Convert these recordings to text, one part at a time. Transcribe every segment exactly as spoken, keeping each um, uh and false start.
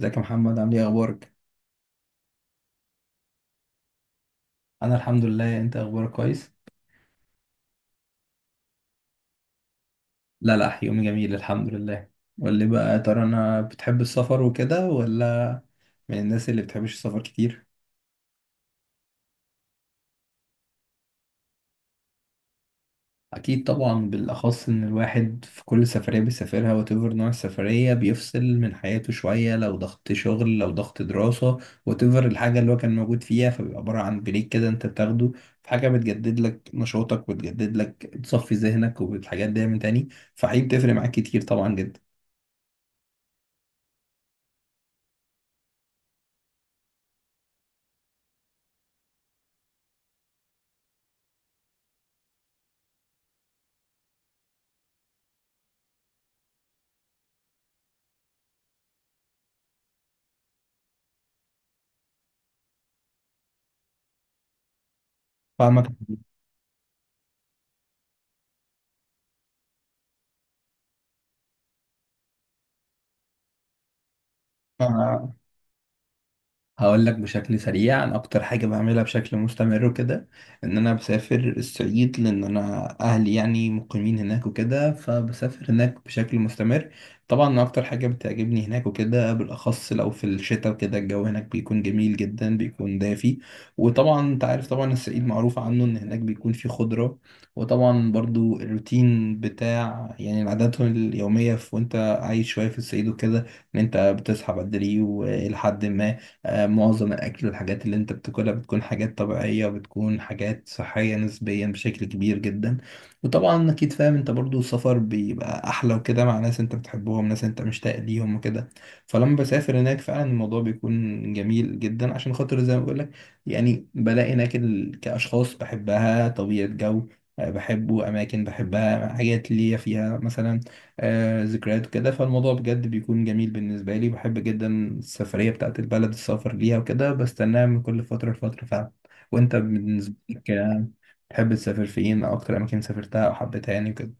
ازيك يا محمد؟ عامل ايه؟ اخبارك؟ انا الحمد لله. انت اخبارك كويس؟ لا لا، يومي جميل الحمد لله. قول لي بقى، يا ترى انا بتحب السفر وكده ولا من الناس اللي بتحبش السفر كتير؟ اكيد طبعا، بالاخص ان الواحد في كل سفريه بيسافرها وتفر نوع السفريه بيفصل من حياته شويه، لو ضغط شغل لو ضغط دراسه، وتفر الحاجه اللي هو كان موجود فيها، فبيبقى عباره عن بريك كده انت بتاخده. في حاجه بتجدد لك نشاطك وتجدد لك، تصفي ذهنك والحاجات دي من تاني. فحقيقي بتفرق معاك كتير طبعا جدا. فاهمك. آه، هقول لك بشكل سريع، انا اكتر حاجه بعملها بشكل مستمر وكده، ان انا بسافر الصعيد، لان انا اهلي يعني مقيمين هناك وكده، فبسافر هناك بشكل مستمر. طبعا اكتر حاجه بتعجبني هناك وكده، بالاخص لو في الشتاء وكده، الجو هناك بيكون جميل جدا، بيكون دافي. وطبعا انت عارف، طبعا الصعيد معروف عنه ان هناك بيكون فيه خضره. وطبعا برضو الروتين بتاع يعني العادات اليوميه في وانت عايش شويه في الصعيد وكده، ان انت بتصحى بدري ولحد ما. آه، معظم الأكل والحاجات اللي أنت بتاكلها بتكون حاجات طبيعية، وبتكون حاجات صحية نسبيا بشكل كبير جدا. وطبعا أكيد فاهم أنت برضو السفر بيبقى أحلى وكده مع ناس أنت بتحبهم، ناس أنت مشتاق ليهم وكده. فلما بسافر هناك فعلا الموضوع بيكون جميل جدا، عشان خاطر زي ما بقول لك، يعني بلاقي هناك ال- كأشخاص بحبها، طبيعة جو، آه، بحبه، أماكن بحبها، حاجات ليا فيها، مثلا آه، ذكريات كده. فالموضوع بجد بيكون جميل بالنسبة لي، بحب جدا السفرية بتاعت البلد، السفر ليها وكده، بستناها من كل فترة لفترة فعلا. وانت بالنسبة لك؟ آه، تحب تسافر فين، او اكتر اماكن سافرتها او حبيتها يعني وكده؟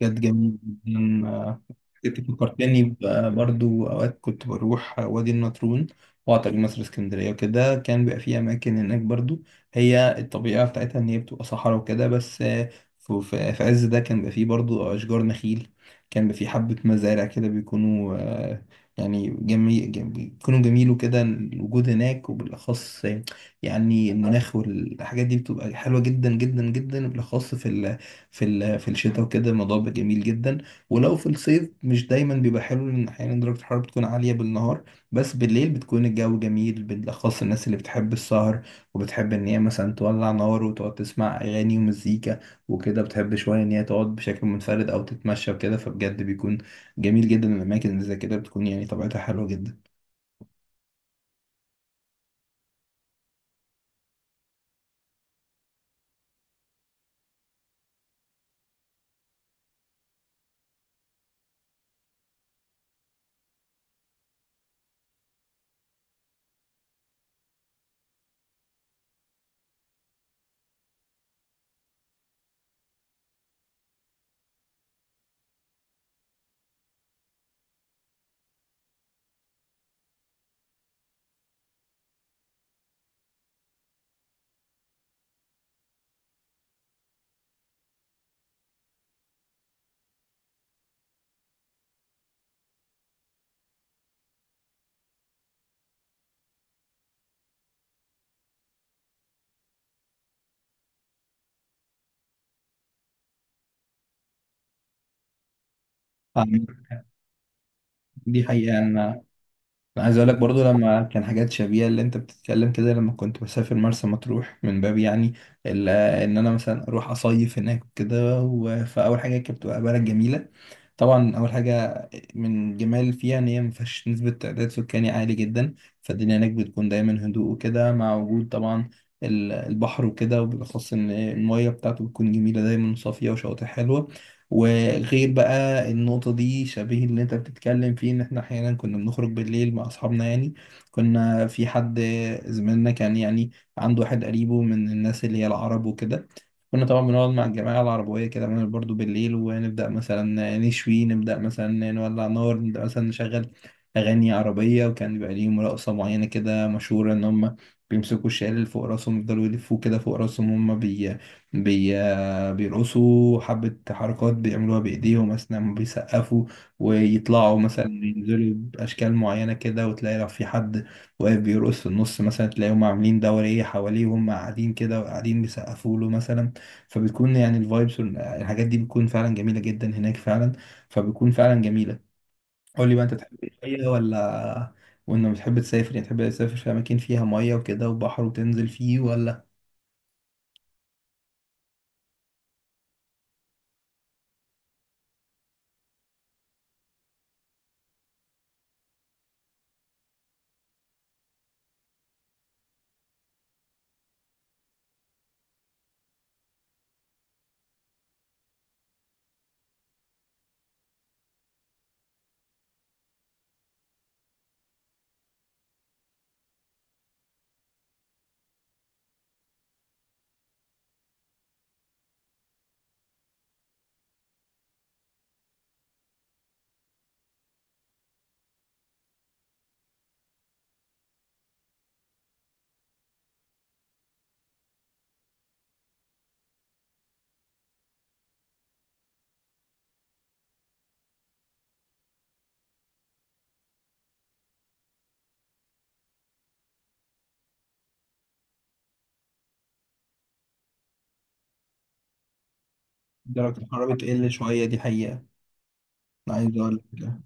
كانت جميلة جدا. آه، كنت فكرتني ب- برضو، أوقات كنت بروح وادي النطرون وأعطى مصر اسكندرية وكده. كان بيبقى فيه أماكن هناك برضو، هي الطبيعة بتاعتها إن هي بتبقى صحراء وكده، بس آه، ف- ف- في عز ده كان بيبقى فيه برضو أشجار نخيل، كان بيبقى فيه حبة مزارع كده، بيكونوا آه، يعني جميل، جم- بيكونوا جميل وكده الوجود هناك. وبالأخص يعني المناخ والحاجات دي بتبقى حلوة جدا جدا جدا، بالأخص في ال في ال- في الشتاء وكده الموضوع بيبقى جميل جدا. ولو في الصيف مش دايما بيبقى حلو، لان احيانا درجة الحرارة بتكون عالية بالنهار، بس بالليل بتكون الجو جميل، بالاخص الناس اللي بتحب السهر وبتحب ان هي مثلا تولع نار وتقعد تسمع اغاني ومزيكا وكده، بتحب شوية ان هي تقعد بشكل منفرد او تتمشى وكده. فبجد بيكون جميل جدا الاماكن اللي زي كده، بتكون يعني طبيعتها حلوة جدا. آه، دي حقيقة. أنا انا عايز اقول لك برضو، لما كان حاجات شبيهه اللي انت بتتكلم كده، لما كنت بسافر مرسى مطروح، من باب يعني ال- ان انا مثلا اروح اصيف هناك كده. فاول حاجه كانت بتبقى بلد جميله، طبعا اول حاجه من جمال فيها ان هي ما فيهاش نسبه تعداد سكاني عالي جدا، فالدنيا هناك بتكون دايما هدوء وكده، مع وجود طبعا ال- البحر وكده، وبالاخص ان الميه بتاعته بتكون جميله دايما وصافيه وشواطئ حلوه. وغير بقى النقطه دي، شبيه اللي انت بتتكلم فيه ان احنا احيانا كنا بنخرج بالليل مع اصحابنا، يعني كنا في حد زميلنا كان يعني عنده واحد قريبه من الناس اللي هي العرب وكده. كنا طبعا بنقعد مع الجماعة العربوية كده، بنعمل برضو بالليل، ونبدأ مثلا نشوي، نبدأ مثلا نولع نار، نبدأ مثلا نشغل أغاني عربية. وكان بيبقى ليهم رقصة معينة كده مشهورة، إن هم بيمسكوا الشال اللي فوق راسهم، يفضلوا يلفوه كده فوق راسهم. هم بي... بي... بيرقصوا حبة حركات بيعملوها بإيديهم أثناء ما بيسقفوا، ويطلعوا مثلا ينزلوا بأشكال معينة كده. وتلاقي لو في حد واقف بيرقص في النص، مثلا تلاقيهم عاملين دورية حواليه، وهم قاعدين كده وقاعدين بيسقفوا له مثلا. فبتكون يعني الفايبس والحاجات دي بتكون فعلا جميلة جدا هناك فعلا، فبتكون فعلا جميلة. قول لي بقى، انت تحب المية ولا؟ وانك بتحب تسافر، يعني تحب تسافر في اماكن فيها مية وكده وبحر وتنزل فيه ولا؟ درجة الحرارة بتقل شوية، دي حقيقة. انا عايز اقول لك،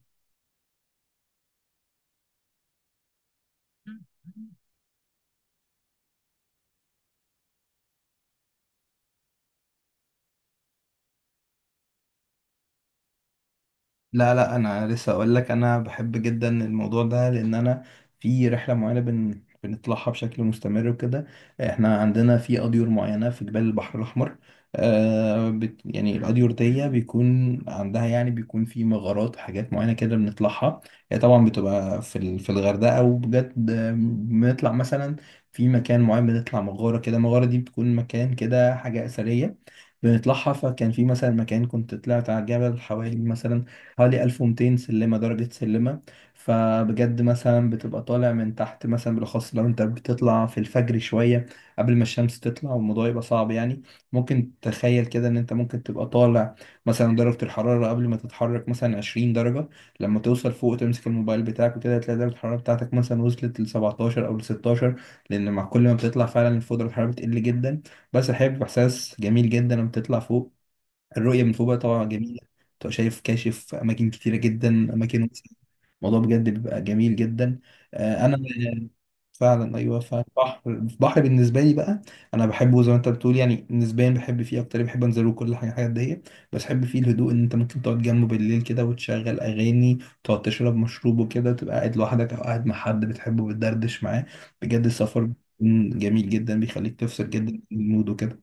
لا لا، انا لسه اقول لك، انا بحب جدا الموضوع ده، لان انا في رحله معينه بن بنطلعها بشكل مستمر وكده. احنا عندنا في اديور معينه في جبال البحر الاحمر، آه بت يعني الاديور دي بيكون عندها يعني بيكون في مغارات وحاجات معينه كده بنطلعها. هي طبعا بتبقى في ال- في الغردقه. وبجد آه، بنطلع مثلا في مكان معين، بنطلع مغاره كده. المغاره دي بتكون مكان كده حاجه اثريه بنطلعها. فكان في مثلا مكان كنت طلعت على الجبل حوالي مثلا حوالي ألف ومئتين سلمة درجة سلمة. فبجد مثلا بتبقى طالع من تحت، مثلا بالأخص لو أنت بتطلع في الفجر شوية قبل ما الشمس تطلع، والموضوع يبقى صعب يعني. ممكن تخيل كده إن أنت ممكن تبقى طالع، مثلا درجة الحرارة قبل ما تتحرك مثلا عشرين درجة، لما توصل فوق تمسك الموبايل بتاعك وكده، هتلاقي درجة الحرارة بتاعتك مثلا وصلت ل سبعتاشر أو ل ستاشر. لأن مع كل ما بتطلع فعلا فوق درجة الحرارة بتقل جدا. بس الحقيقة بيبقى إحساس جميل جدا لما بتطلع فوق. الرؤية من فوق بقى طبعا جميلة، تبقى شايف كاشف أماكن كتيرة جدا، أماكن واسعة. الموضوع بجد بيبقى جميل جدا. آه، أنا فعلا، أيوه فعلا، بحر، البحر بالنسبة لي بقى أنا بحبه زي ما أنت بتقول، يعني نسبيا بحب فيه أكتر، بحب أنزله كل حاجة، حاجات دي. بس بحب فيه الهدوء، إن أنت ممكن تقعد جنبه بالليل كده وتشغل أغاني، تقعد تشرب مشروب وكده، تبقى قاعد لوحدك أو قاعد مع حد بتحبه بتدردش معاه. بجد السفر بيكون جميل جدا، بيخليك تفصل جدا من المود وكده.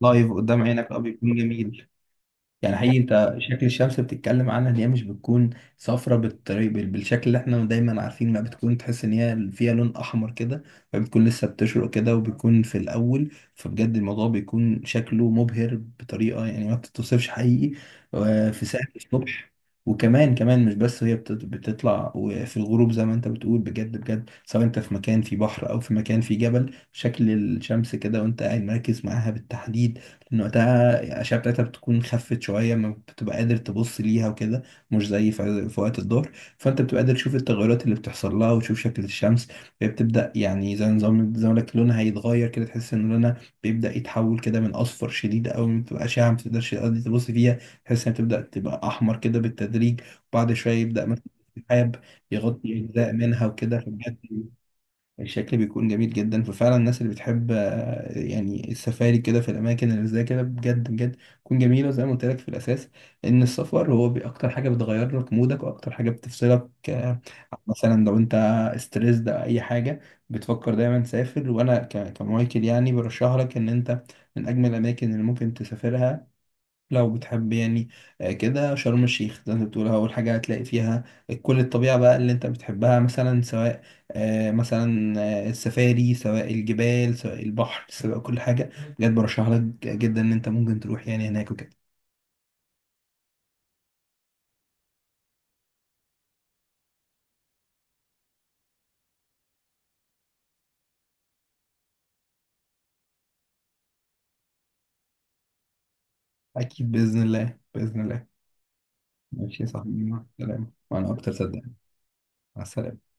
لايف قدام عينك، اه، بيكون جميل. يعني حقيقي انت شكل الشمس بتتكلم عنها ان هي مش بتكون صفرة بالطريق بال- بالشكل اللي احنا دايما عارفين، ما بتكون، تحس ان هي فيها لون احمر كده. فبتكون لسه بتشرق كده، وبتكون في الاول، فبجد الموضوع بيكون شكله مبهر بطريقة يعني ما بتتوصفش حقيقي. آه، في ساعة الصبح. وكمان كمان، مش بس هي بتط- بتطلع، وفي الغروب زي ما انت بتقول، بجد بجد، سواء انت في مكان في بحر او في مكان في جبل، شكل الشمس كده وانت قاعد مركز معاها بالتحديد، لأن وقتها الأشعة بتاعتها بتكون خفت شوية، ما بتبقى قادر تبص ليها وكده، مش زي في في وقت الظهر. فأنت بتبقى قادر تشوف التغيرات اللي بتحصل لها وتشوف شكل الشمس. هي بتبدأ، يعني زي نظام زي ما لك، لونها هيتغير كده. تحس إن لونها بيبدأ يتحول كده من أصفر شديد أوي، ما بتبقى أشعة ما بتقدرش تقضي تبص فيها، تحس إنها بتبدأ تبقى أحمر كده بالتدريج. وبعد شوية يبدأ مثلا السحاب يغطي أجزاء منها وكده. فبجد الشكل بيكون جميل جدا. ففعلا الناس اللي بتحب آه، يعني السفاري كده في الاماكن اللي زي كده، بجد بجد تكون جميله. زي ما قلت لك في الاساس، ان السفر هو بي- اكتر حاجه بتغير لك مودك، واكتر حاجه بتفصلك آه، مثلا لو انت ستريس ده اي حاجه، بتفكر دايما تسافر. وانا ك- كمايكل يعني برشح لك ان انت، من اجمل الاماكن اللي ممكن تسافرها لو بتحب يعني آه، كده شرم الشيخ، زي ما انت بتقول اول حاجه هتلاقي فيها كل الطبيعه بقى اللي انت بتحبها، مثلا سواء آه، مثلا آه، السفاري، سواء الجبال، سواء البحر، سواء كل حاجه. بجد برشح لك جدا ان انت ممكن تروح يعني هناك وكده. اكيد باذن الله، باذن الله. ماشي يا صاحبي، مع السلامه، وانا اكتر صدقني. مع السلامه.